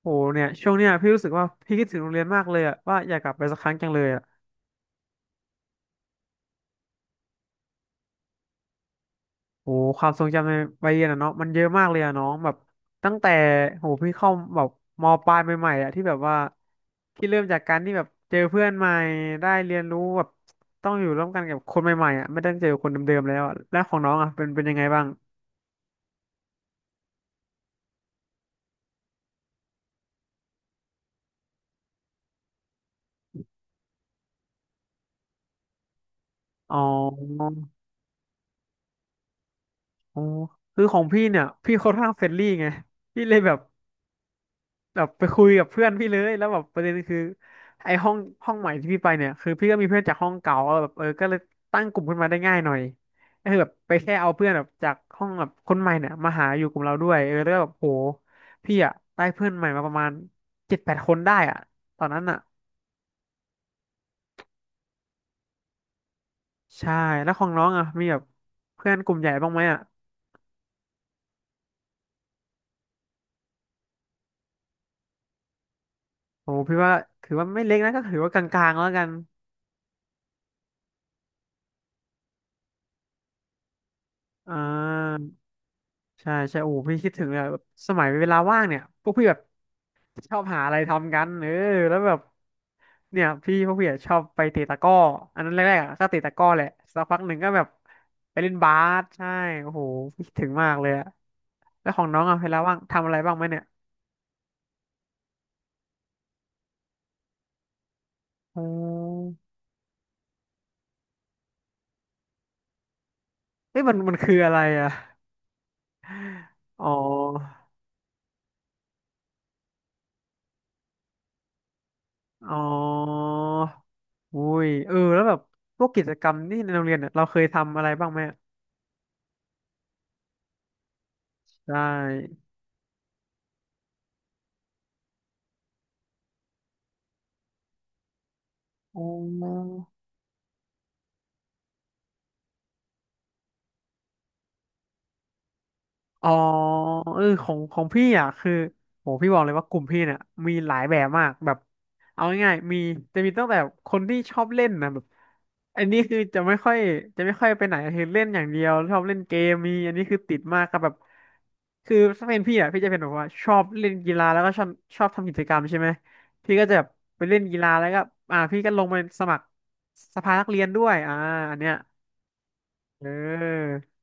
โหเนี่ยช่วงเนี้ยพี่รู้สึกว่าพี่คิดถึงโรงเรียนมากเลยอะว่าอยากกลับไปสักครั้งจังเลยอะโหความทรงจำในวัยเรียนอะเนาะมันเยอะมากเลยอะน้องแบบตั้งแต่โหพี่เข้าแบบมปลายใหม่ๆอะที่แบบว่าพี่เริ่มจากการที่แบบเจอเพื่อนใหม่ได้เรียนรู้แบบต้องอยู่ร่วมกันกับคนใหม่ๆอะไม่ได้เจอคนเดิมๆแล้วอะแล้วของน้องอะเป็นยังไงบ้างอ๋ออ๋อคือของพี่เนี่ยพี่ค่อนข้างเฟรนลี่ไงพี่เลยแบบ แบบไปคุยกับเพื่อนพี่เลยแล้วแบบประเด็นคือไอ้ห้องห้องใหม่ที่พี่ไปเนี่ยคือพี่ก็มีเพื่อนจากห้องเก่าแบบเออก็เลยตั้งกลุ่มขึ้นมาได้ง่ายหน่อยก็คือแบบไปแค่เอาเพื่อนแบบจากห้องแบบคนใหม่เนี่ยมาหาอยู่กลุ่มเราด้วยเออแล้วก็แบบโหพี่อะได้เพื่อนใหม่มาประมาณเจ็ดแปดคนได้อะตอนนั้นอะใช่แล้วของน้องอะมีแบบเพื่อนกลุ่มใหญ่บ้างไหมอะโอ้พี่ว่าถือว่าไม่เล็กนะก็ถือว่ากลางๆแล้วกันอ่าใช่ใช่โอ้พี่คิดถึงเลยอะแบบสมัยเวลาว่างเนี่ยพวกพี่แบบ ชอบหาอะไรทำกันเออแล้วแบบเนี่ยพี่พวกพี่อะชอบไปเตะตะกร้ออันนั้นแรกๆอะก็เตะตะกร้อแหละสักพักหนึ่งก็แบบไปเล่นบาสใช่โอ้โหคิดถึงมากเลยอะแล้วของน้องอะเวลาว่างทำอะไรบ้างไหมเนี่ยโอ้เอ้ยมันมันคืออะไรอะอ๋ออ๋ออุ้ยเออแล้วแบบพวกกิจกรรมที่ในโรงเรียนเนี่ยเราเคยทำอะไรบ้างไหมอะใช่อ๋อ อ๋อเออของของพี่อ่ะคือโหพี่บอกเลยว่ากลุ่มพี่เนี่ยมีหลายแบบมากแบบเอาง่ายๆมีจะมีตั้งแต่คนที่ชอบเล่นนะแบบอันนี้คือจะไม่ค่อยจะไม่ค่อยไปไหนคือเล่นอย่างเดียวชอบเล่นเกมมีอันนี้คือติดมากครับแบบคือถ้าเป็นพี่อ่ะพี่จะเป็นแบบว่าชอบเล่นกีฬาแล้วก็ชอบทำกิจกรรมใช่ไหมพี่ก็จะแบบไปเล่นกีฬาแล้วก็อ่าพี่ก็ลงไปสมัครสภานักเรียนด้วยอ่าอันเนี้ยเออ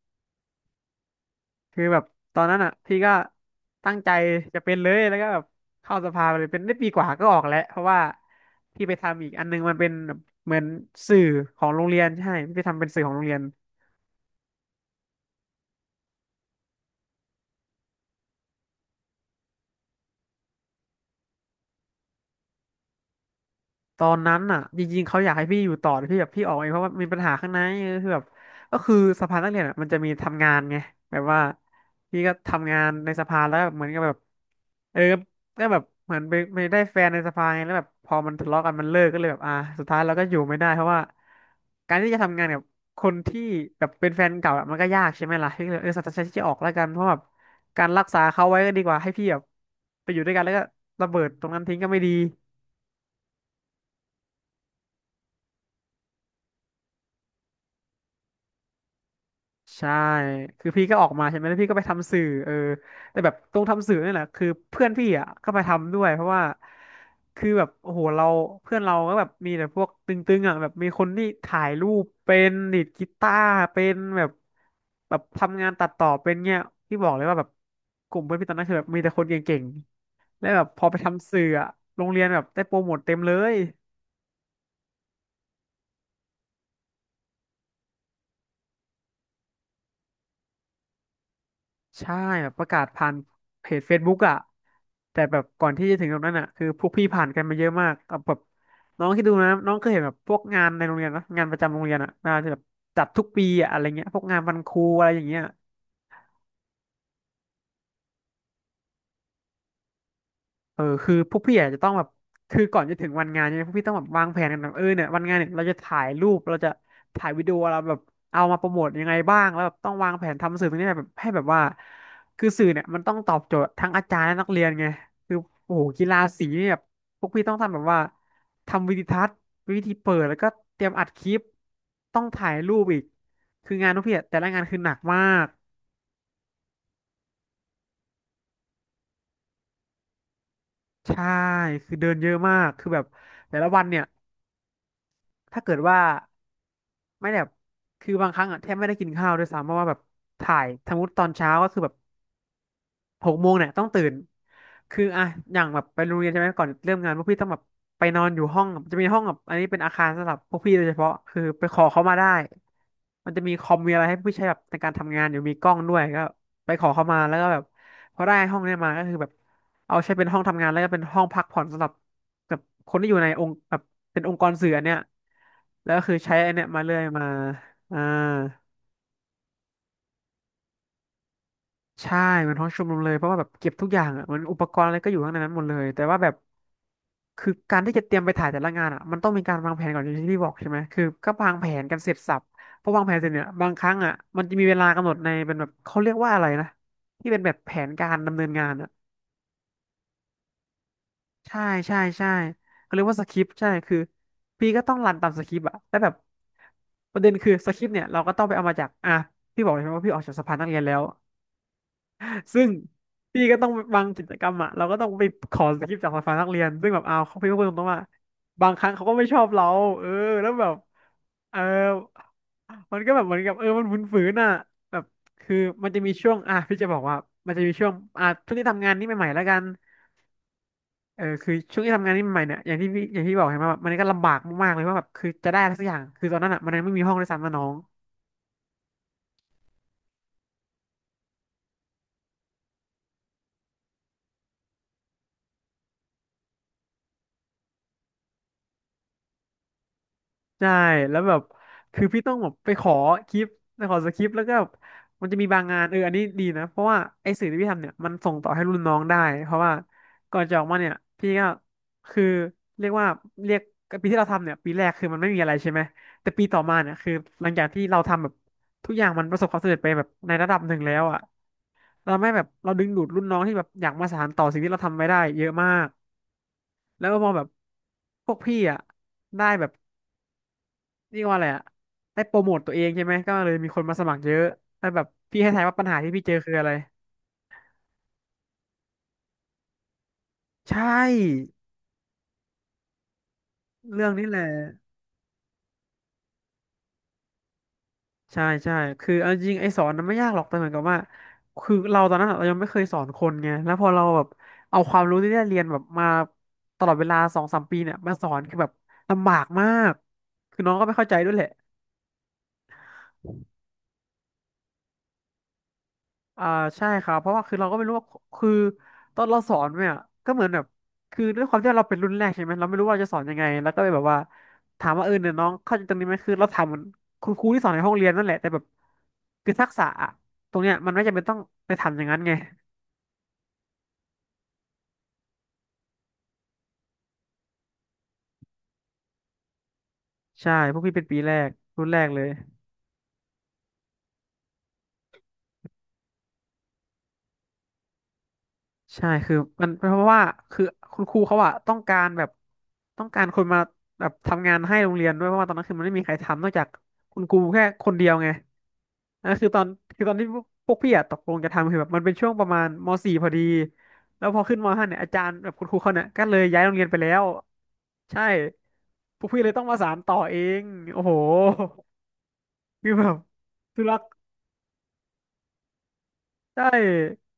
คือแบบตอนนั้นอ่ะพี่ก็ตั้งใจจะเป็นเลยแล้วก็แบบเข้าสภาไปเลยเป็นได้ปีกว่าก็ออกแล้วเพราะว่าพี่ไปทำอีกอันนึงมันเป็นแบบเหมือนสื่อของโรงเรียนใช่พี่ไปทำเป็นสื่อของโรงเรียน ตอนนั้นอ่ะจริงๆเขาอยากให้พี่อยู่ต่อแต่พี่แบบพี่ออกเองเพราะว่ามีปัญหาข้างในเออคือแบบก็คือสภานักเรียนอ่ะมันจะมีทำงานไงแบบว่าพี่ก็ทำงานในสภาแล้วเหมือนกับแบบเออก็แบบเหมือนไปได้แฟนในสภาไงแล้วแบบพอมันทะเลาะกันมันเลิกก็เลยแบบอ่าสุดท้ายเราก็อยู่ไม่ได้เพราะว่าการที่จะทำงานกับคนที่แบบเป็นแฟนเก่าอะมันก็ยากใช่ไหมล่ะพี่ก็เลยเออสัตยนใจที่จะออกแล้วกันเพราะแบบการรักษาเขาไว้ก็ดีกว่าให้พี่แบบไปอยู่ด้วยกันแล้วก็ระเบิดตรงนั้นทิ้งก็ไม่ดี ใช่คือพี่ก็ออกมาใช่ไหมแล้วพี่ก็ไปทำสื่อเออแต่แบบตรงทำสื่อนี่แหละคือเพื่อนพี่อ่ะก็ไปทำด้วยเพราะว่าคือแบบโอ้โหเราเพื่อนเราก็แบบมีแต่พวกตึงๆอ่ะแบบมีคนที่ถ่ายรูปเป็นดีดกีตาร์เป็นแบบแบบทำงานตัดต่อเป็นเงี้ยพี่บอกเลยว่าแบบกลุ่มเพื่อนพี่ตอนนั้นคือแบบมีแต่คนเก่งๆแล้วแบบพอไปทำสื่ออ่ะโรงเรียนแบบได้โปรโมทเต็มเลย ใช่แบบประกาศผ่านเพจ Facebook อ่ะแต่แบบก่อนที่จะถึงตรงนั้นอ่ะคือพวกพี่ผ่านกันมาเยอะมากเอาแบบน้องคิดดูนะน้องเคยเห็นแบบพวกงานในโรงเรียนนะงานประจำโรงเรียนอ่ะน่าจะแบบจัดทุกปีอ่ะอะไรเงี้ยพวกงานวันครูอะไรอย่างเงี้ย คือพวกพี่อาจจะต้องแบบคือก่อนจะถึงวันงานเนี่ยพวกพี่ต้องแบบวางแผนกันแบบเนี่ยวันงานเนี่ยเราจะถ่ายรูปเราจะถ่ายวิดีโอเราแบบเอามาโปรโมทยังไงบ้างแล้วแบบต้องวางแผนทำสื่อตรงนี้แบบให้แบบว่าคือสื่อเนี่ยมันต้องตอบโจทย์ทั้งอาจารย์และนักเรียนไงคือโอ้โหกีฬาสีเนี่ยแบบพวกพี่ต้องทำแบบว่าทำวิดีทัศน์วิธีเปิดแล้วก็เตรียมอัดคลิปต้องถ่ายรูปอีกคืองานพวกพี่อะแต่ละงานคือหนักมากใช่คือเดินเยอะมากคือแบบแต่ละวันเนี่ยถ้าเกิดว่า ไม่แบบคือบางครั้งอ่ะแทบไม่ได้กินข้าวด้วยซ้ำเพราะว่าแบบถ่ายสมมติตอนเช้าก็คือแบบ หกโมงเนี่ยต้องตื่นคืออ่ะอย่างแบบไปโรงเรียนใช่ไหมก่อนเริ่มงานพวกพี่ต้องแบบไปนอนอยู่ห้องจะมีห้องแบบอันนี้เป็นอาคารสำหรับพวกพี่โดยเฉพาะคือไปขอเขามาได้มันจะมีคอมมีอะไรให้พี่ใช้แบบในการทำงานอยู่มีกล้องด้วยก็ไปขอเขามาแล้วก็แบบพอได้ห้องเนี้ยมาก็คือแบบเอาใช้เป็นห้องทำงานแล้วก็เป็นห้องพักผ่อนสำหรับแบบคนที่อยู่ในองค์แบบเป็นองค์กรสื่ออันเนี้ยแล้วก็คือใช้อันเนี้ยมาเรื่อยมาอ่า ใช่มันห้องชุมนุมเลยเพราะว่าแบบเก็บทุกอย่างอ่ะมันอุปกรณ์อะไรก็อยู่ข้างในนั้นหมดเลยแต่ว่าแบบคือการที่จะเตรียมไปถ่ายแต่ละงานอ่ะมันต้องมีการวางแผนก่อนอย่างที่พี่บอกใช่ไหมคือก็วางแผนกันเสร็จสรรพพอวางแผนเสร็จเนี่ยบางครั้งอ่ะมันจะมีเวลากำหนดในเป็นแบบเขาเรียกว่าอะไรนะที่เป็นแบบแผนการดำเนินงานอ่ะใช่ใช่ใช่เขาเรียกว่าสคริปต์ใช่คือพี่ก็ต้องรันตามสคริปต์อ่ะแล้วแบบประเด็นคือสคริปต์เนี่ยเราก็ต้องไปเอามาจากอ่ะพี่บอกเลยใช่ไหมว่าพี่ออกจากสภานักเรียนแล้ว ซึ่งพี่ก็ต้องบางกิจกรรมอ่ะเราก็ต้องไปขอสคริปต์จากฝ่ายนักเรียนซึ่งแบบเอาวเขาพี่ก็พูดตรงๆว่าบางครั้งเขาก็ไม่ชอบเราเออแล้วแบบเออมันก็แบบเหมือนกับมันฝืนๆน่ะแบบคือมันจะมีช่วงอ่ะพี่จะบอกว่ามันจะมีช่วงอ่ะช่วงที่ทำงานนี่ใหม่ๆแล้วกันคือช่วงที่ทำงานนี่ใหม่ๆเนี่ยอย่างที่พี่อย่างที่บอกเห็นไหมแบบมันก็ลำบากมากๆเลยว่าแบบคือจะได้อะไรสักอย่างคือตอนนั้นอ่ะมันยังไม่มีห้องด้วยซ้ำนะน้อง ใช่แล้วแบบคือพี่ต้องแบบไปขอคลิปไปขอสคริปต์แล้วก็แบบมันจะมีบางงานอันนี้ดีนะเพราะว่าไอ้สื่อที่พี่ทำเนี่ยมันส่งต่อให้รุ่นน้องได้เพราะว่าก่อนจะออกมาเนี่ยพี่ก็คือเรียกว่าเรียกปีที่เราทำเนี่ยปีแรกคือมันไม่มีอะไรใช่ไหมแต่ปีต่อมาเนี่ยคือหลังจากที่เราทำแบบทุกอย่างมันประสบความสำเร็จไปแบบในระดับหนึ่งแล้วอ่ะเราไม่แบบเราดึงดูดรุ่นน้องที่แบบอยากมาสานต่อสิ่งที่เราทำไว้ได้เยอะมากแล้วก็มองแบบพวกพี่อ่ะได้แบบ นี่ว่าอะไรอะได้โปรโมทตัวเองใช่ไหม ก็เลยมีคนมาสมัครเยอะแล้วแบบพี่ให้ทายว่าปัญหาที่พี่เจอคืออะไรใช่เรื่องนี้แหละใช่ใช่คือเอาจริงไอ้สอนน่ะไม่ยากหรอกแต่เหมือนกับว่าคือเราตอนนั้นอะเรายังไม่เคยสอนคนไงแล้วพอเราแบบเอาความรู้ที่ได้เรียนแบบมาตลอดเวลาสองสามปีเนี่ยมาสอนคือแบบลำบากมากคือน้องก็ไม่เข้าใจด้วยแหละ อ่าใช่ครับเพราะว่าคือเราก็ไม่รู้ว่าคือตอนเราสอนเนี่ยก็เหมือนแบบคือด้วยความที่เราเป็นรุ่นแรกใช่ไหมเราไม่รู้ว่าจะสอนยังไงแล้วก็เลยแบบว่าถามว่าเนี่ยน้องเข้าใจตรงนี้ไหมคือเราถามเหมือนคุณครูที่สอนในห้องเรียนนั่นแหละแต่แบบคือทักษะอะตรงเนี้ยมันไม่จำเป็นต้องไปทำอย่างนั้นไงใช่พวกพี่เป็นปีแรกรุ่นแรกเลย ใช่คือมันเพราะว่าคือคุณครูเขาอะต้องการแบบต้องการคนมาแบบทำงานให้โรงเรียนด้วยเพราะว่าตอนนั้นคือมันไม่มีใครทำนอกจากคุณครูแค่คนเดียวไงนั่นคือตอนคือตอนที่พวกพี่อะตกลงจะทำคือแบบมันเป็นช่วงประมาณม .4 พอดีแล้วพอขึ้นม .5 เนี่ยอาจารย์แบบคุณครูเขาเนี่ยก็เลยย้ายโรงเรียนไปแล้วใช่พวกพี่เลยต้องมาสานต่อเองโอ้โหคือแบบทุลักใช่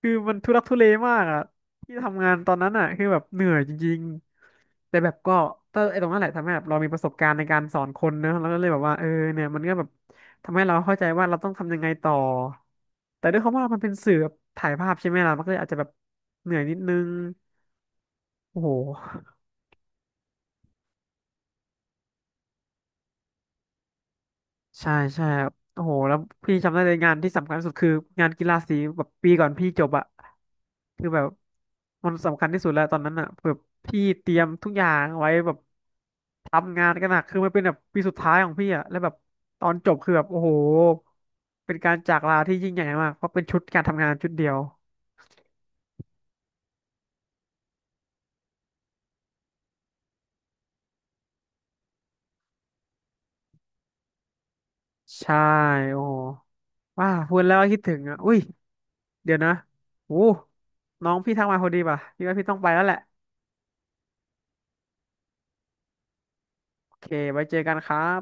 คือมันทุลักทุเลมากอ่ะที่ทำงานตอนนั้นอ่ะคือแบบเหนื่อยจริงๆแต่แบบก็ถ้าไอ้ตรงนั้นแหละทำให้แบบเรามีประสบการณ์ในการสอนคนเนอะแล้วก็เลยแบบว่าเนี่ยมันก็แบบทำให้เราเข้าใจว่าเราต้องทำยังไงต่อแต่ด้วยความว่ามันเป็นสื่อแบบถ่ายภาพใช่ไหมล่ะมันก็เลยอาจจะแบบเหนื่อยนิดนึงโอ้โห ใช่ใช่ครับโอ้โหแล้วพี่จำได้เลยงานที่สำคัญที่สุดคืองานกีฬาสีแบบปีก่อนพี่จบอะคือแบบมันสำคัญที่สุดแล้วตอนนั้นอะแบบพี่เตรียมทุกอย่างไว้แบบทำงานกันหนักคือมันเป็นแบบปีสุดท้ายของพี่อะแล้วแบบตอนจบคือแบบโอ้โหเป็นการจากลาที่ยิ่งใหญ่มากเพราะเป็นชุดการทำงานชุดเดียวใช่โอ้โหว้าพูดแล้วก็คิดถึงอ่ะอุ้ยเดี๋ยวนะโอ้น้องพี่ทักมาพอดีป่ะพี่ว่าพี่ต้องไปแล้วแหละโอเคไว้เจอกันครับ